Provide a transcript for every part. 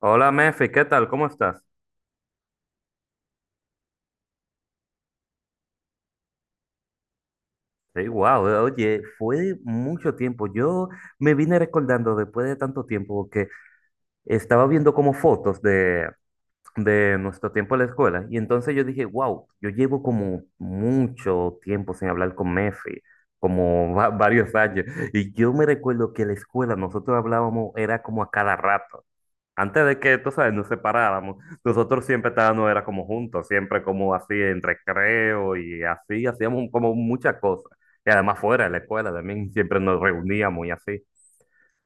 Hola, Mefi, ¿qué tal? ¿Cómo estás? Sí, wow, oye, fue mucho tiempo. Yo me vine recordando después de tanto tiempo que estaba viendo como fotos de nuestro tiempo en la escuela y entonces yo dije, wow, yo llevo como mucho tiempo sin hablar con Mefi, como varios años. Y yo me recuerdo que en la escuela nosotros hablábamos, era como a cada rato. Antes de que, tú sabes, nos separáramos, nosotros siempre estábamos, era como juntos, siempre como así en recreo y así, hacíamos como muchas cosas. Y además fuera de la escuela también siempre nos reuníamos y así.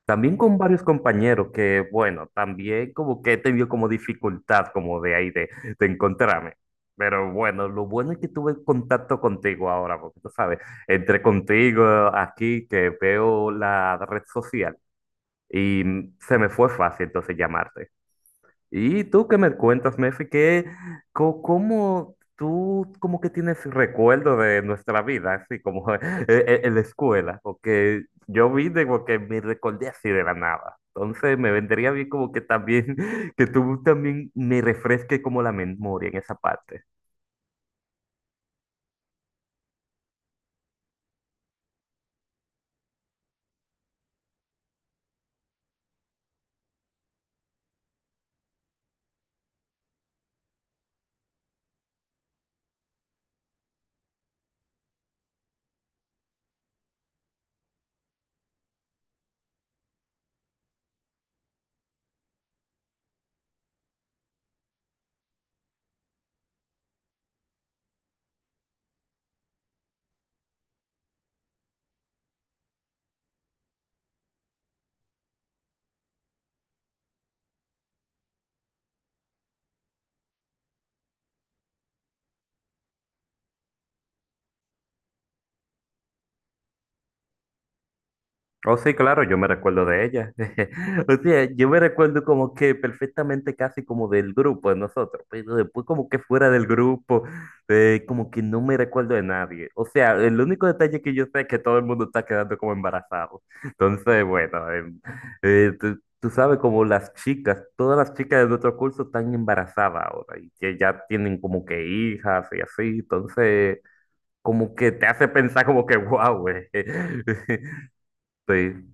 También con varios compañeros que, bueno, también como que he tenido como dificultad como de ahí de encontrarme. Pero bueno, lo bueno es que tuve contacto contigo ahora, porque tú sabes, entre contigo aquí que veo la red social y se me fue fácil entonces llamarte. ¿Y tú qué me cuentas, Mefi? ¿Qué, cómo tú como que tienes recuerdo de nuestra vida, así como en la escuela? Porque yo vine porque me recordé así de la nada. Entonces me vendría bien como que también, que tú también me refresques como la memoria en esa parte. Oh, sí, claro, yo me recuerdo de ella. O sea, yo me recuerdo como que perfectamente casi como del grupo de nosotros, pero después como que fuera del grupo, como que no me recuerdo de nadie. O sea, el único detalle que yo sé es que todo el mundo está quedando como embarazado. Entonces, bueno, tú sabes como las chicas, todas las chicas de nuestro curso están embarazadas ahora y que ya tienen como que hijas y así, entonces como que te hace pensar como que, wow, güey. Sí.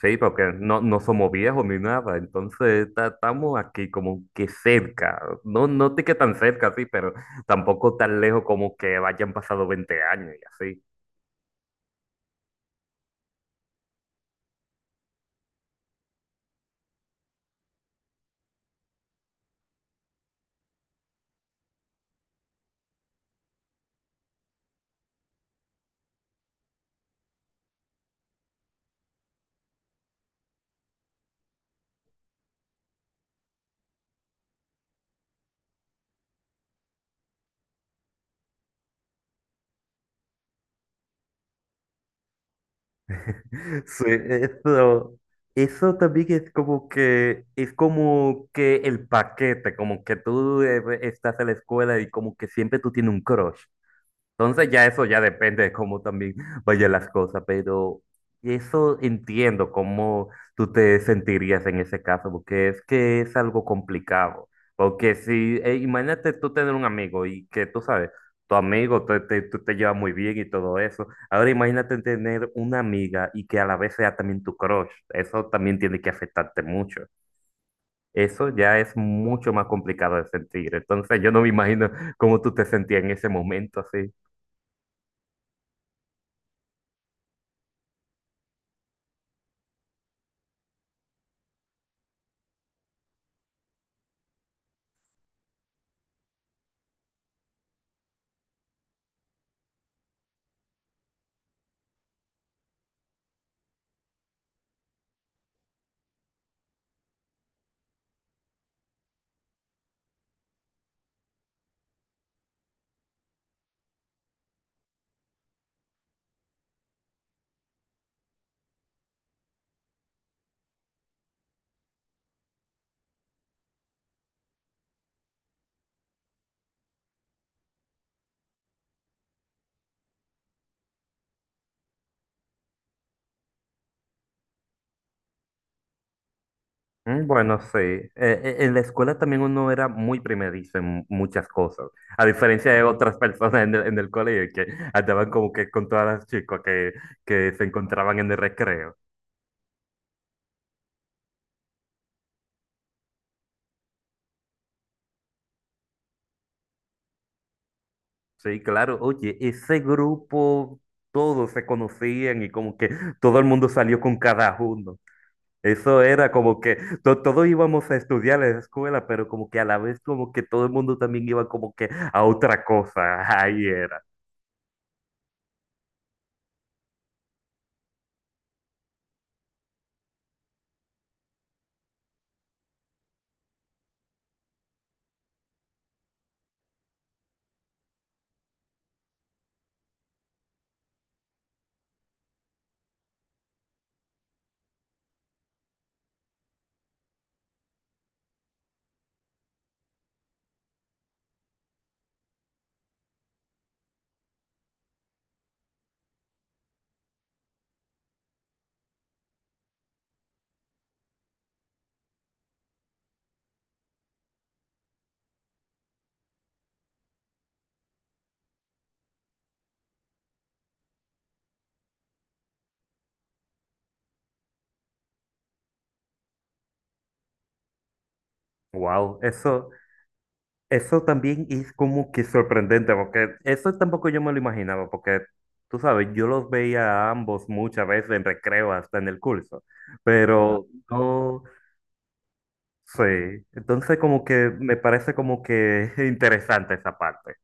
Sí, porque no, no somos viejos ni nada, entonces estamos aquí como que cerca, no, no te que tan cerca, sí, pero tampoco tan lejos como que hayan pasado 20 años y así. Sí, eso también es como que el paquete, como que tú estás en la escuela y como que siempre tú tienes un crush. Entonces ya eso ya depende de cómo también vayan las cosas, pero eso entiendo cómo tú te sentirías en ese caso, porque es que es algo complicado. Porque si, imagínate tú tener un amigo y que tú sabes, tu amigo tú te llevas muy bien y todo eso. Ahora imagínate tener una amiga y que a la vez sea también tu crush. Eso también tiene que afectarte mucho. Eso ya es mucho más complicado de sentir. Entonces yo no me imagino cómo tú te sentías en ese momento así. Bueno, sí. En la escuela también uno era muy primerizo en muchas cosas, a diferencia de otras personas en el colegio que andaban como que con todas las chicas que se encontraban en el recreo. Sí, claro, oye, ese grupo, todos se conocían y como que todo el mundo salió con cada uno. Eso era como que todos íbamos a estudiar en la escuela, pero como que a la vez como que todo el mundo también iba como que a otra cosa. Ahí era. Wow, eso. Eso también es como que sorprendente, porque eso tampoco yo me lo imaginaba, porque tú sabes, yo los veía a ambos muchas veces en recreo, hasta en el curso. Ah, pero no sé, entonces como que me parece como que interesante esa parte.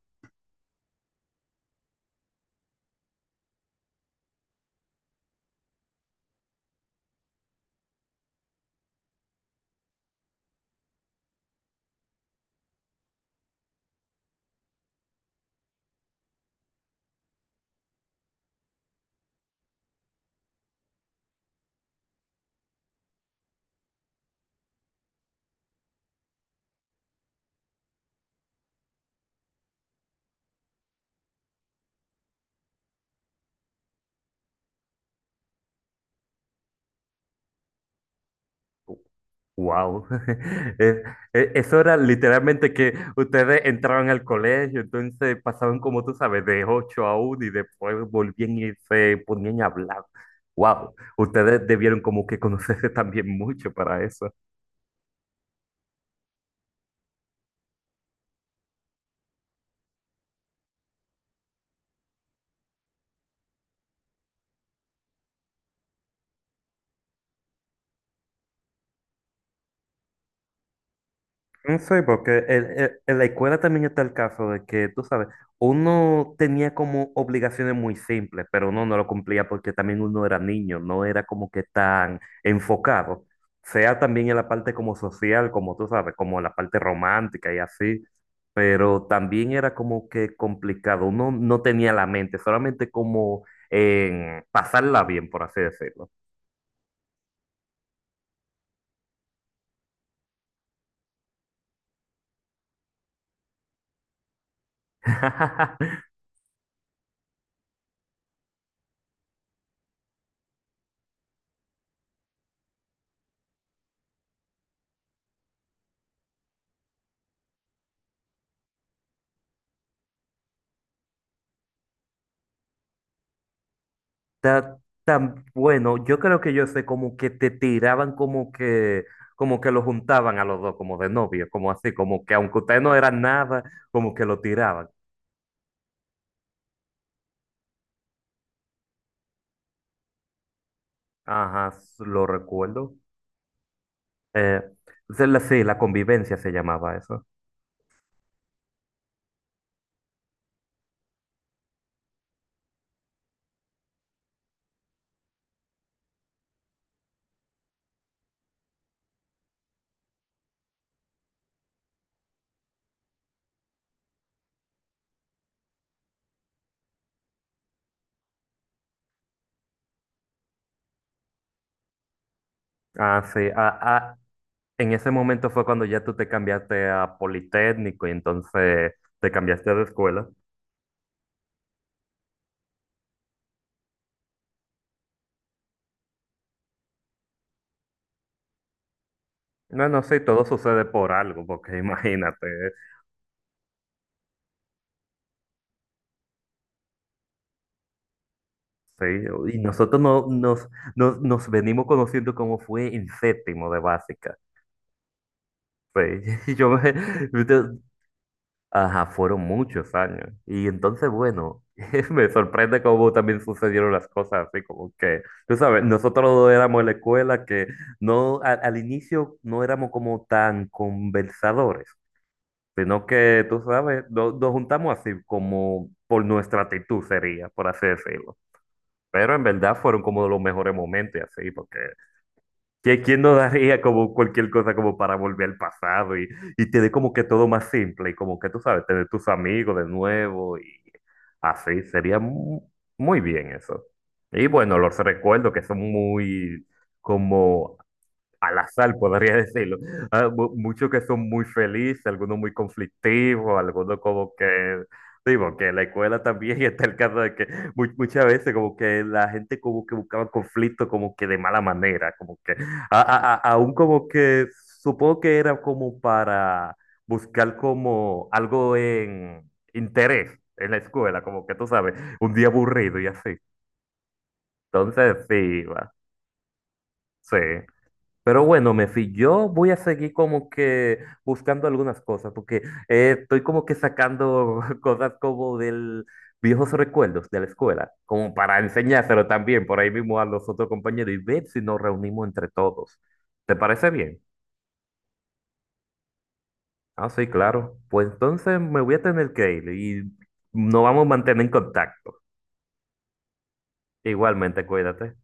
Wow, es, eso era literalmente que ustedes entraban al colegio, entonces pasaban como tú sabes, de 8 a 1 y después volvían y se ponían a hablar. Wow, ustedes debieron como que conocerse también mucho para eso. Sí, porque en la escuela también está el caso de que, tú sabes, uno tenía como obligaciones muy simples, pero uno no lo cumplía porque también uno era niño, no era como que tan enfocado, sea también en la parte como social, como tú sabes, como la parte romántica y así, pero también era como que complicado, uno no tenía la mente, solamente como en pasarla bien, por así decirlo. Está tan bueno. Yo creo que yo sé como que te tiraban como que lo juntaban a los dos, como de novio, como así, como que aunque ustedes no eran nada, como que lo tiraban. Ajá, s- lo recuerdo. Eh, sí, la convivencia se llamaba eso. Ah, sí. En ese momento fue cuando ya tú te cambiaste a Politécnico y entonces te cambiaste de escuela. No, no, sí, todo sucede por algo, porque imagínate. Sí, y nosotros no, nos, nos, nos venimos conociendo como fue en séptimo de básica. Sí, y yo me, entonces, ajá, fueron muchos años. Y entonces, bueno, me sorprende cómo también sucedieron las cosas, así como que, tú sabes, nosotros no éramos en la escuela que no, al inicio no éramos como tan conversadores, sino que, tú sabes, nos juntamos así como por nuestra actitud sería, por así decirlo. Pero en verdad fueron como de los mejores momentos y así, porque ¿quién, quién no daría como cualquier cosa como para volver al pasado y tener como que todo más simple y como que tú sabes, tener tus amigos de nuevo y así, sería muy bien eso. Y bueno, los recuerdos que son muy como al azar, podría decirlo. Ah, muchos que son muy felices, algunos muy conflictivos, algunos como que, digo, que en la escuela también está el caso de que muchas veces como que la gente como que buscaba conflicto como que de mala manera, como que, aún como que supongo que era como para buscar como algo en interés en la escuela, como que tú sabes, un día aburrido y así. Entonces, sí, va, sí. Pero bueno, Mefi, yo voy a seguir como que buscando algunas cosas, porque estoy como que sacando cosas como del viejos recuerdos de la escuela, como para enseñárselo también por ahí mismo a los otros compañeros y ver si nos reunimos entre todos. ¿Te parece bien? Ah, sí, claro. Pues entonces me voy a tener que ir y nos vamos a mantener en contacto. Igualmente, cuídate.